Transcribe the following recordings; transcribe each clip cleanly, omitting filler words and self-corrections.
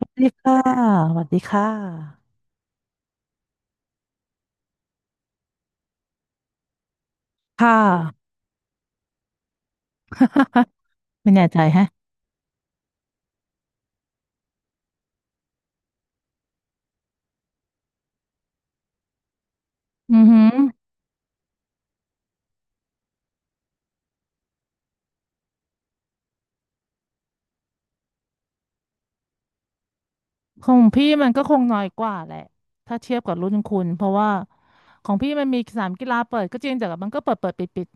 สวัสดีค่ะสวัสดีค่ะค่ะ ไม่แน่ใจแฮะอือหือของพี่มันก็คงน้อยกว่าแหละถ้าเทียบกับรุ่นคุณเพราะว่าของพี่มันมีสนามกีฬาเปิดก็จริงแต่มันก็เปิดเปิดปิดปิด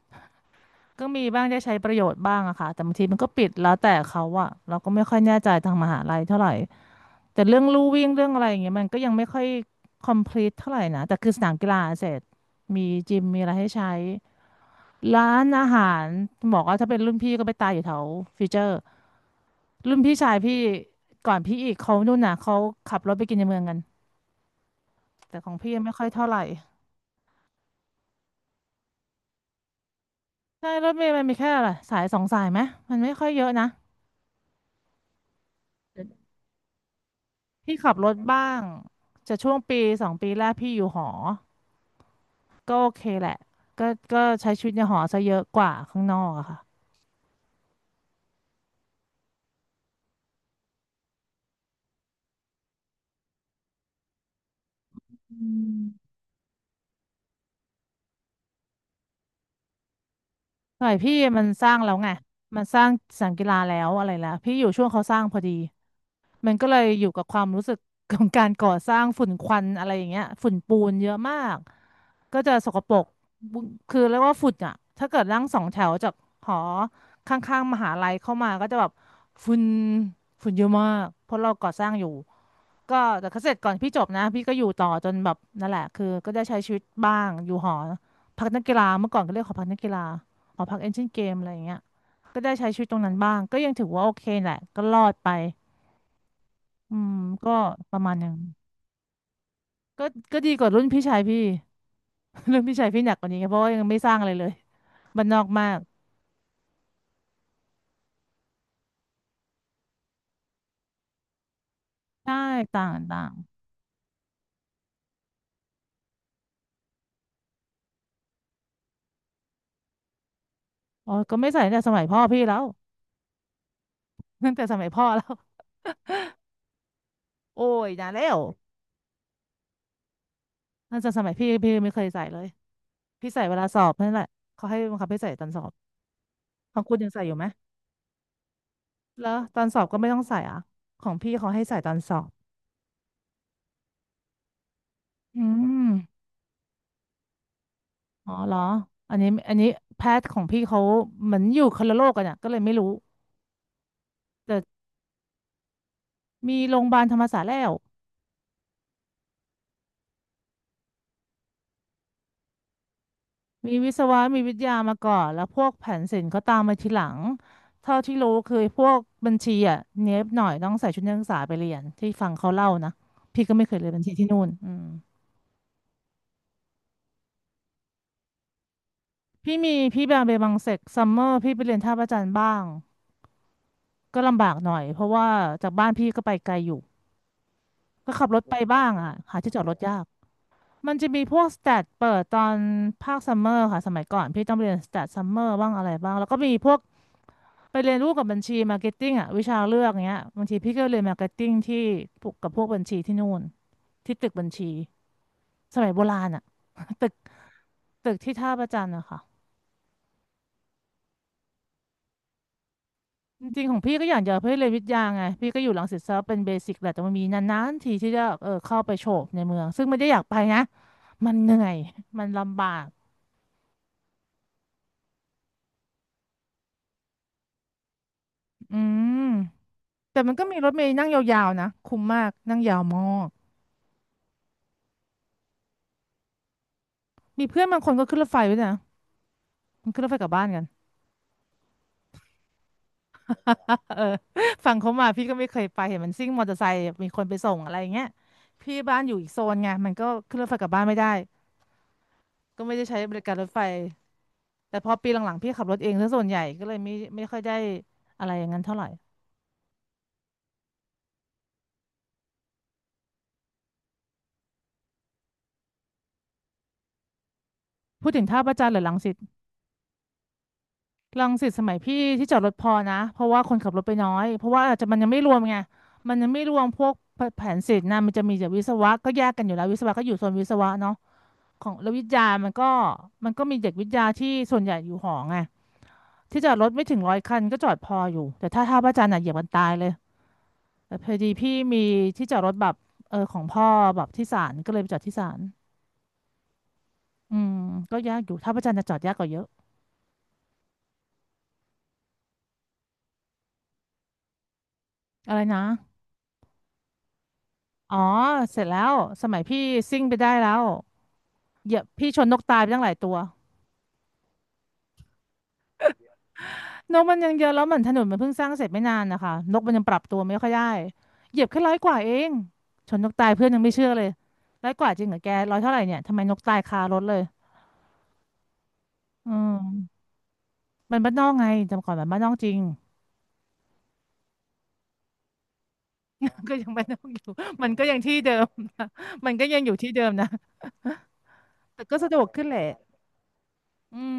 ก็มีบ้างได้ใช้ประโยชน์บ้างอะค่ะแต่บางทีมันก็ปิดแล้วแต่เขาอะเราก็ไม่ค่อยแน่ใจทางมหาลัยเท่าไหร่แต่เรื่องลู่วิ่งเรื่องอะไรอย่างเงี้ยมันก็ยังไม่ค่อย complete เท่าไหร่นะแต่คือสนามกีฬาเสร็จมีจิมมีอะไรให้ใช้ ร้านอาหารบอกว่าถ้าเป็นรุ่นพี่ก็ไปตายอยู่แถวฟิวเจอร์รุ่นพี่ชายพี่ก่อนพี่อีกเขานู่นน่ะเขาขับรถไปกินในเมืองกันแต่ของพี่ยังไม่ค่อยเท่าไหร่ใช่รถเมล์มันมีแค่อะไรสายสองสายไหมมันไม่ค่อยเยอะนะพี่ขับรถบ้างจะช่วงปีสองปีแรกพี่อยู่หอก็โอเคแหละก็ก็ใช้ชีวิตในหอซะเยอะกว่าข้างนอกอะค่ะอืมสมัยพี่มันสร้างแล้วไงมันสร้างสนามกีฬาแล้วอะไรแล้วพี่อยู่ช่วงเขาสร้างพอดี มันก็เลยอยู่กับความรู้สึกของการก่อสร้างฝุ่นควันอะไรอย่างเงี้ยฝุ่นปูนเยอะมากก็จะสกปรกบุคือเรียกว่าฝุ่นอ่ะถ้าเกิดนั่งสองแถวจากหอข้างๆมหาลัยเข้ามาก็จะแบบฝุ่นฝุ่นเยอะมากเพราะเราก่อสร้างอยู่ก็แต่ก็เสร็จก่อนพี่จบนะพี่ก็อยู่ต่อจนแบบนั่นแหละคือก็ได้ใช้ชีวิตบ้างอยู่หอพักนักกีฬาเมื่อก่อนก็เรียกหอพักนักกีฬาหอพักเอนจินเกมอะไรอย่างเงี้ยก็ได้ใช้ชีวิตตรงนั้นบ้างก็ยังถือว่าโอเคแหละก็รอดไป อืมก็ประมาณหนึ่งก็ก็ดีกว่ารุ่นพี่ชายพี่ รุ่นพี่ชายพี่หนักกว่านี้ไงเพราะว่ายังไม่สร้างอะไรเลย บ้านนอกมากใช่ต่างต่างอ๋อก็ไม่ใส่ตั้งแต่สมัยพ่อพี่แล้ว ตั้งแต่สมัยพ่อแล้วโอ้ยนานแล้วตั้งแต่สมัยพี่ไม่เคยใส่เลยพี่ใส่เวลาสอบนั่นแหละเขาให้บังคับให้ใส่ตอนสอบของคุณยังใส่อยู่ไหมแล้วตอนสอบก็ไม่ต้องใส่อ่ะของพี่เขาให้ใส่ตอนสอบอืมอ๋อเหรออันนี้อันนี้แพทย์ของพี่เขาเหมือนอยู่คนละโลกกันอ่ะก็เลยไม่รู้ มีโรงพยาบาลธรรมศาสตร์แล้วมีวิศวะมีวิทยามาก่อนแล้วพวกแผนศิลป์เขาตามมาทีหลังเท่าที่รู้คือพวกบัญชีอ่ะเนี้ยบหน่อยต้องใส่ชุดนักศึกษาไปเรียนที่ฟังเขาเล่านะพี่ก็ไม่เคยเรียนบัญชีที่นู่นอืมพี่มีพี่บางเบบังเซกซัมเมอร์พี่ไปเรียนท่าพระจันทร์บ้างก็ลำบากหน่อยเพราะว่าจากบ้านพี่ก็ไปไกลอยู่ก็ขับรถไปบ้างอ่ะหาที่จอดรถยากมันจะมีพวกสแตทเปิดตอนภาคซัมเมอร์ค่ะสมัยก่อนพี่ต้องเรียนสแตทซัมเมอร์บ้างอะไรบ้างแล้วก็มีพวก ไปเรียนรู้กับบัญชีมาร์เก็ตติ้งอ่ะวิชาเลือกเงี้ยบางทีพี่ก็เรียนมาร์เก็ตติ้งที่พวกกับพวกบัญชีที่นู่นที่ตึกบัญชีสมัยโบราณอ่ะตึกตึกที่ท่าพระจันทร์อะค่ะจริงๆของพี่ก็อยากจะเพื่อเรียนวิทยาไงพี่ก็อยู่รังสิตซะเป็นเบสิกแหละแต่มันมีนานๆทีที่จะเออเข้าไปโฉบในเมืองซึ่งไม่ได้อยากไปนะมันเหนื่อยมันลำบากอืมแต่มันก็มีรถเมล์นั่งยาวๆนะคุ้มมากนั่งยาวมากมีเพื่อนบางคนก็ขึ้นรถไฟด้วยนะมันขึ้นรถไฟกลับบ้านกัน เออฝั่งเขามาพี่ก็ไม่เคยไปเห็นมันซิ่งมอเตอร์ไซค์มีคนไปส่งอะไรอย่างเงี้ยพี่บ้านอยู่อีกโซนไงมันก็ขึ้นรถไฟกลับบ้านไม่ได้ก็ไม่ได้ใช้บริการรถไฟแต่พอปีหลังๆพี่ขับรถเองซะส่วนใหญ่ก็เลยไม่ค่อยได้อะไรอย่างนั้นเท่าไหร่พูดถึงท่าพระจันทร์หรือรังสิตรังสิตสมัยพี่ที่จอดรถพอนะเพราะว่าคนขับรถไปน้อยเพราะว่าอาจจะมันยังไม่รวมไงมันยังไม่รวมพวกแผนศิลป์นะมันจะมีแตกวิศวะก็แยกกันอยู่แล้ววิศวะก็อยู่โซนวิศวะเนาะของแล้ววิทยามันก็มีเด็กวิทยาที่ส่วนใหญ่อยู่หอไง ที่จอดรถไม่ถึงร้อยคันก็จอดพออยู่แต่ถ้าท่าพระจันทร์อ่ะเหยียบกันตายเลยแต่พอดีพี่มีที่จอดรถแบบของพ่อแบบที่ศาลก็เลยไปจอดที่ศาลอืมก็ยากอยู่ท่าพระจันทร์จะจอดยากกว่าเยอะอะไรนะอ๋อเสร็จแล้วสมัยพี่ซิ่งไปได้แล้วเหยียบพี่ชนนกตายไปตั้งหลายตัวนกมันยังเยอะแล้วเหมือนถนนมันเพิ่งสร้างเสร็จไม่นานนะคะนกมันยังปรับตัวไม่ค่อยได้เหยียบแค่ร้อยกว่าเองชนนกตายเพื่อนยังไม่เชื่อเลยร้อยกว่าจริงเหรอแกร้อยเท่าไหร่เนี่ยทำไมนกตายคารถเลยอืม มันบ้านนอกไงจำก่อนมันบ้านนอกจริง ก็ยังบ้านนอกอยู่ มันก็ยังที่เดิมนะ มันก็ยังอยู่ที่เดิมนะ แต่ก็สะดวกขึ้นแหละอืม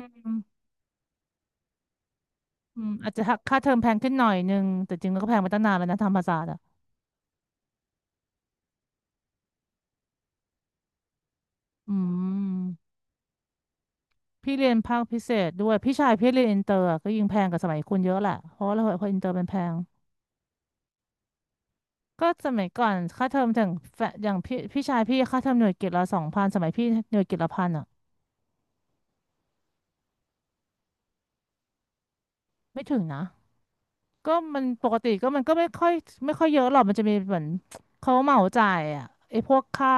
อืมอาจจะค่าเทอมแพงขึ้นหน่อยนึงแต่จริงก็แพงมาตั้งนานแล้วนะธรรมศาสตร์อ่ะอืมพี่เรียนภาคพิเศษด้วยพี่ชายพี่เรียนอินเตอร์อะก็ยิ่งแพงกว่าสมัยคุณเยอะแหละเพราะว่าเราพออินเตอร์มันแพงก็สมัยก่อนค่าเทอมถึงแฟอย่างพี่พี่ชายพี่ค่าเทอมหน่วยกิตละสองพันสมัยพี่หน่วยกิตละพันอ่ะไม่ถึงนะ ก็มันปกติก็มันก็ไม่ค่อยเยอะหรอกมันจะมีเหมือนเขาเหมาจ่ายอ่ะไอ้พวกค่า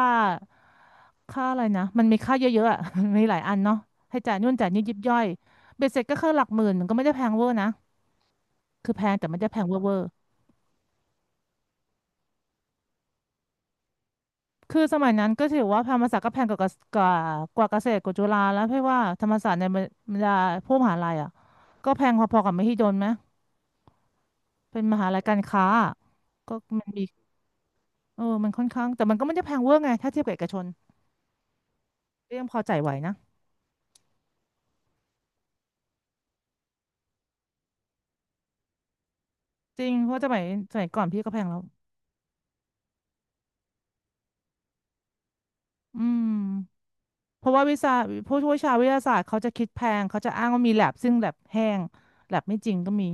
อะไรนะมันมีค่าเยอะๆอ่ะ มนมีหลายอันเนาะให้จ่ายนู่นจ่ายนี่ยิบย่อยเบ็ดเสร็จก็คือหลักหมื่นมันก็ไม่ได้แพงเวอร์นะคือแพงแต่ไม่ได้แพงเวอร์เวอร์คือสมัยนั้นก็ถือว่าธรรมศาสตร์ก็แพงกว่ากว่ากว่าเกษตรกว่าจุฬาแล้วเพราะว่าธรรมศาสตร์ในบรรดาพวกมหาลัยอ่ะก็แพงพอๆกับมหิดลไหมเป็นมหาลัยการค้าอะก็มันมีมันค่อนข้างแต่มันก็ไม่ได้แพงเวอร์ไงถ้าเทียบกับเอกชน ก็ยังพอจ่ายไหวนะจริงเพราะสมัยก่อนพี่ก็แพงแล้วอืมเพราะว่าวิชาผู้ช่วยชาวิทยาศาสตร์เขาจะคิดแพงเขาจะอ้างว่ามีแลบซึ่งแลบแห้งแลบไม่จริงก็มี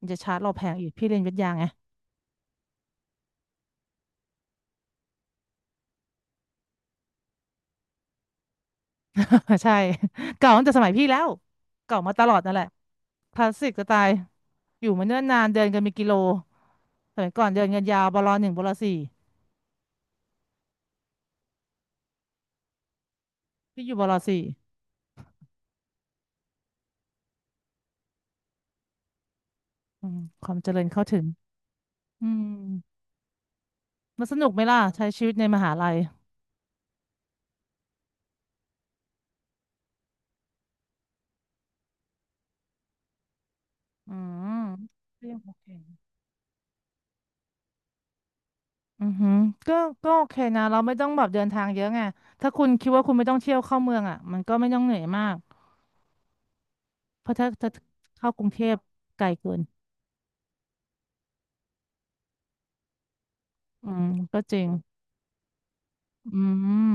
มันจะชาร์จเราแพงอีกพี่เรียนวิทยาไง ใช่เก่าตั้งแต่สมัยพี่แล้วเก่ามาตลอดนั่นแหละคลาสสิกจะตายอยู่มาเนิ่นนานเดินกันเป็นกิโลสมัยก่อนเดินกันยาวบลหนึ่งบลสี่พี่อยู่บลสี่อืมความเจริญเข้าถึงอืมมันสนุกไหมล่ะใช้ชีวิตในมหาลัยอืมก็ยังโอเค อือหือก็โอเคนะเราไม่ต้องแบบเดินทางเยอะไงถ้าคุณคิดว่าคุณไม่ต้องเที่ยวเข้าเมืองอ่ะมันก็ไม่ต้องเหนื่อยมากเพราะถ้าเข้ากรุงเทพไกลเกินอืมก็จริงอืม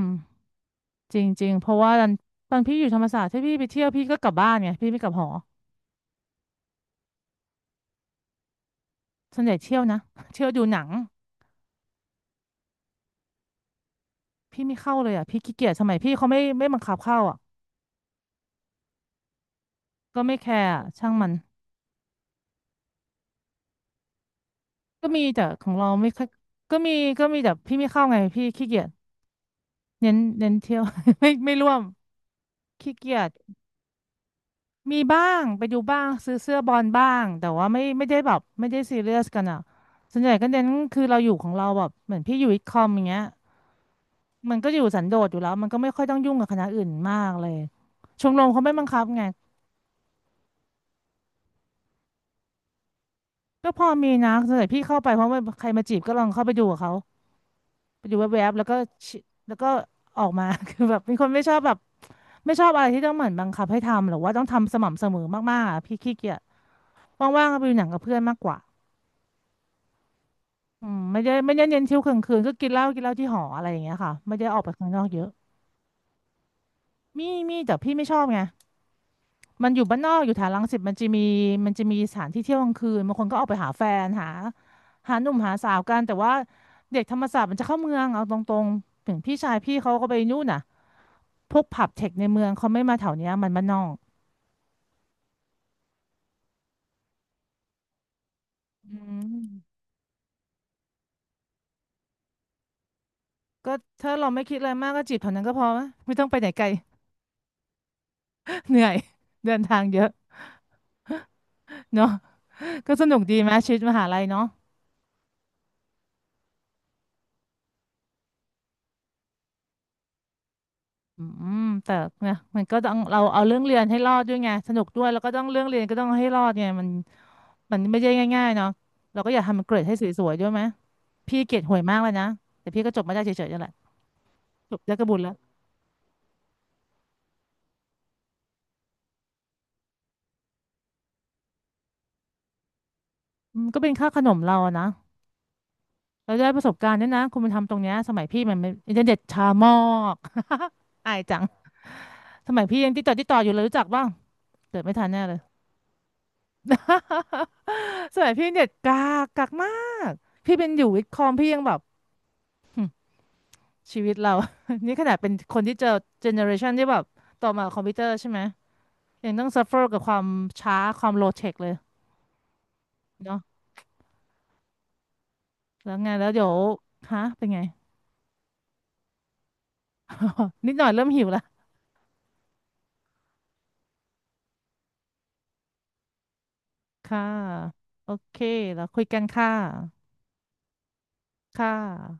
จริงจริงเพราะว่าตอนพี่อยู่ธรรมศาสตร์ถ้าพี่ไปเที่ยวพี่ก็กลับบ้านไงพี่ไม่กลับหอส่วนใหญ่เที่ยวนะ เที่ยวดูหนังพี่ไม่เข้าเลยอ่ะพี่ขี้เกียจสมัยพี่เขาไม่บังคับเข้าอ่ะก็ไม่แคร์อะช่างมันก็มีแต่ของเราไม่ค่อยก็มีก็มีแต่พี่ไม่เข้าไงพี่ขี้เกียจเน้นเที่ยว ไม่ร่วม ขี้เกียจมีบ้างไปดูบ้างซื้อเสื้อบอลบ้างแต่ว่าไม่ได้แบบไม่ได้ซีเรียสกันอ่ะส่วนใหญ่ก็เน้นคือเราอยู่ของเราแบบเหมือนพี่อยู่วิทย์คอมอย่างเงี้ยมันก็อยู่สันโดษอยู่แล้วมันก็ไม่ค่อยต้องยุ่งกับคณะอื่นมากเลยชมรมเขาไม่บังคับไงก็พอมีนะส่วนใหญ่พี่เข้าไปเพราะว่าใครมาจีบก็ลองเข้าไปดูกับเขาไปดูแวบๆแล้วก็ชิแล้วก็ออกมา คือแบบเป็นคนไม่ชอบแบบไม่ชอบอะไรที่ต้องเหมือนบังคับให้ทำหรือว่าต้องทำสม่ำเสมอมากๆอะพี่ขี้เกียจว่างๆก็ไปดูหนังกับเพื่อนมากกว่า อืมไม่ได้เน้นเที่ยวกลางคืนก็กินเหล้าที่หออะไรอย่างเงี้ยค่ะไม่ได้ออกไปข้างนอกเยอะมีมีแต่พี่ไม่ชอบไงมันอยู่บ้านนอกอยู่แถวรังสิตมันจะมีสถานที่เที่ยวกลางคืนบางคนก็ออกไปหาแฟนหาหนุ่มหาสาวกันแต่ว่าเด็กธรรมศาสตร์มันจะเข้าเมืองเอาตรงๆถึงพี่ชายพี่เขาก็ไปนู่นน่ะพวกผับเทคในเมืองเขาไม่มาแถวเนี้ยมันบ้านนอกอืมก็ถ้าเราไม่คิดอะไรมากก็จีบแถวนั้นก็พอไหมไม่ต้องไปไหนไกล เหนื่อยเดินทางเยอะเนาะก็สนุกดีไหมชีวิตมหาลัยเนาะ อืมแต่เนี่ยมันก็ต้องเราเอาเรื่องเรียนให้รอดด้วยไงสนุกด้วยแล้วก็ต้องเรื่องเรียนก็ต้องให้รอดไงมันไม่ใช่ง่ายๆเนาะเราก็อยากทำมันเกรดให้สวยๆด้วยไหมพี่เกรดห่วยมากเลยนะแต่พี่ก็จบมาได้เฉยๆนั่นแหละจบได้ก็บุญแล้วอืมก็เป็นค่าขนมเราอะนะเราได้ประสบการณ์ด้วยนะคุณไปทำตรงเนี้ยสมัยพี่มันไม่อินเทอร์เน็ตช้ามากอายจังสมัยพี่ยังติดต่ออยู่เลยรู้จักบ้างเกิดไม่ทันแน่เลยสมัยพี่เน็ตกากมากพี่เป็นอยู่วิทย์คอมพี่ยังแบบ ชีวิตเรา นี่ขนาดเป็นคนที่เจอเจเนอเรชันที่แบบต่อมาคอมพิวเตอร์ใช่ไหมยังต้องซัฟเฟอร์กับความช้าความโลเทคเลยเนาะแล้วไงแล้วเดี๋ยวฮะเป็นไง นิดหน่อยเริ่มหิวละค่ะโอเคแล้วคุยกันค่ะค่ะ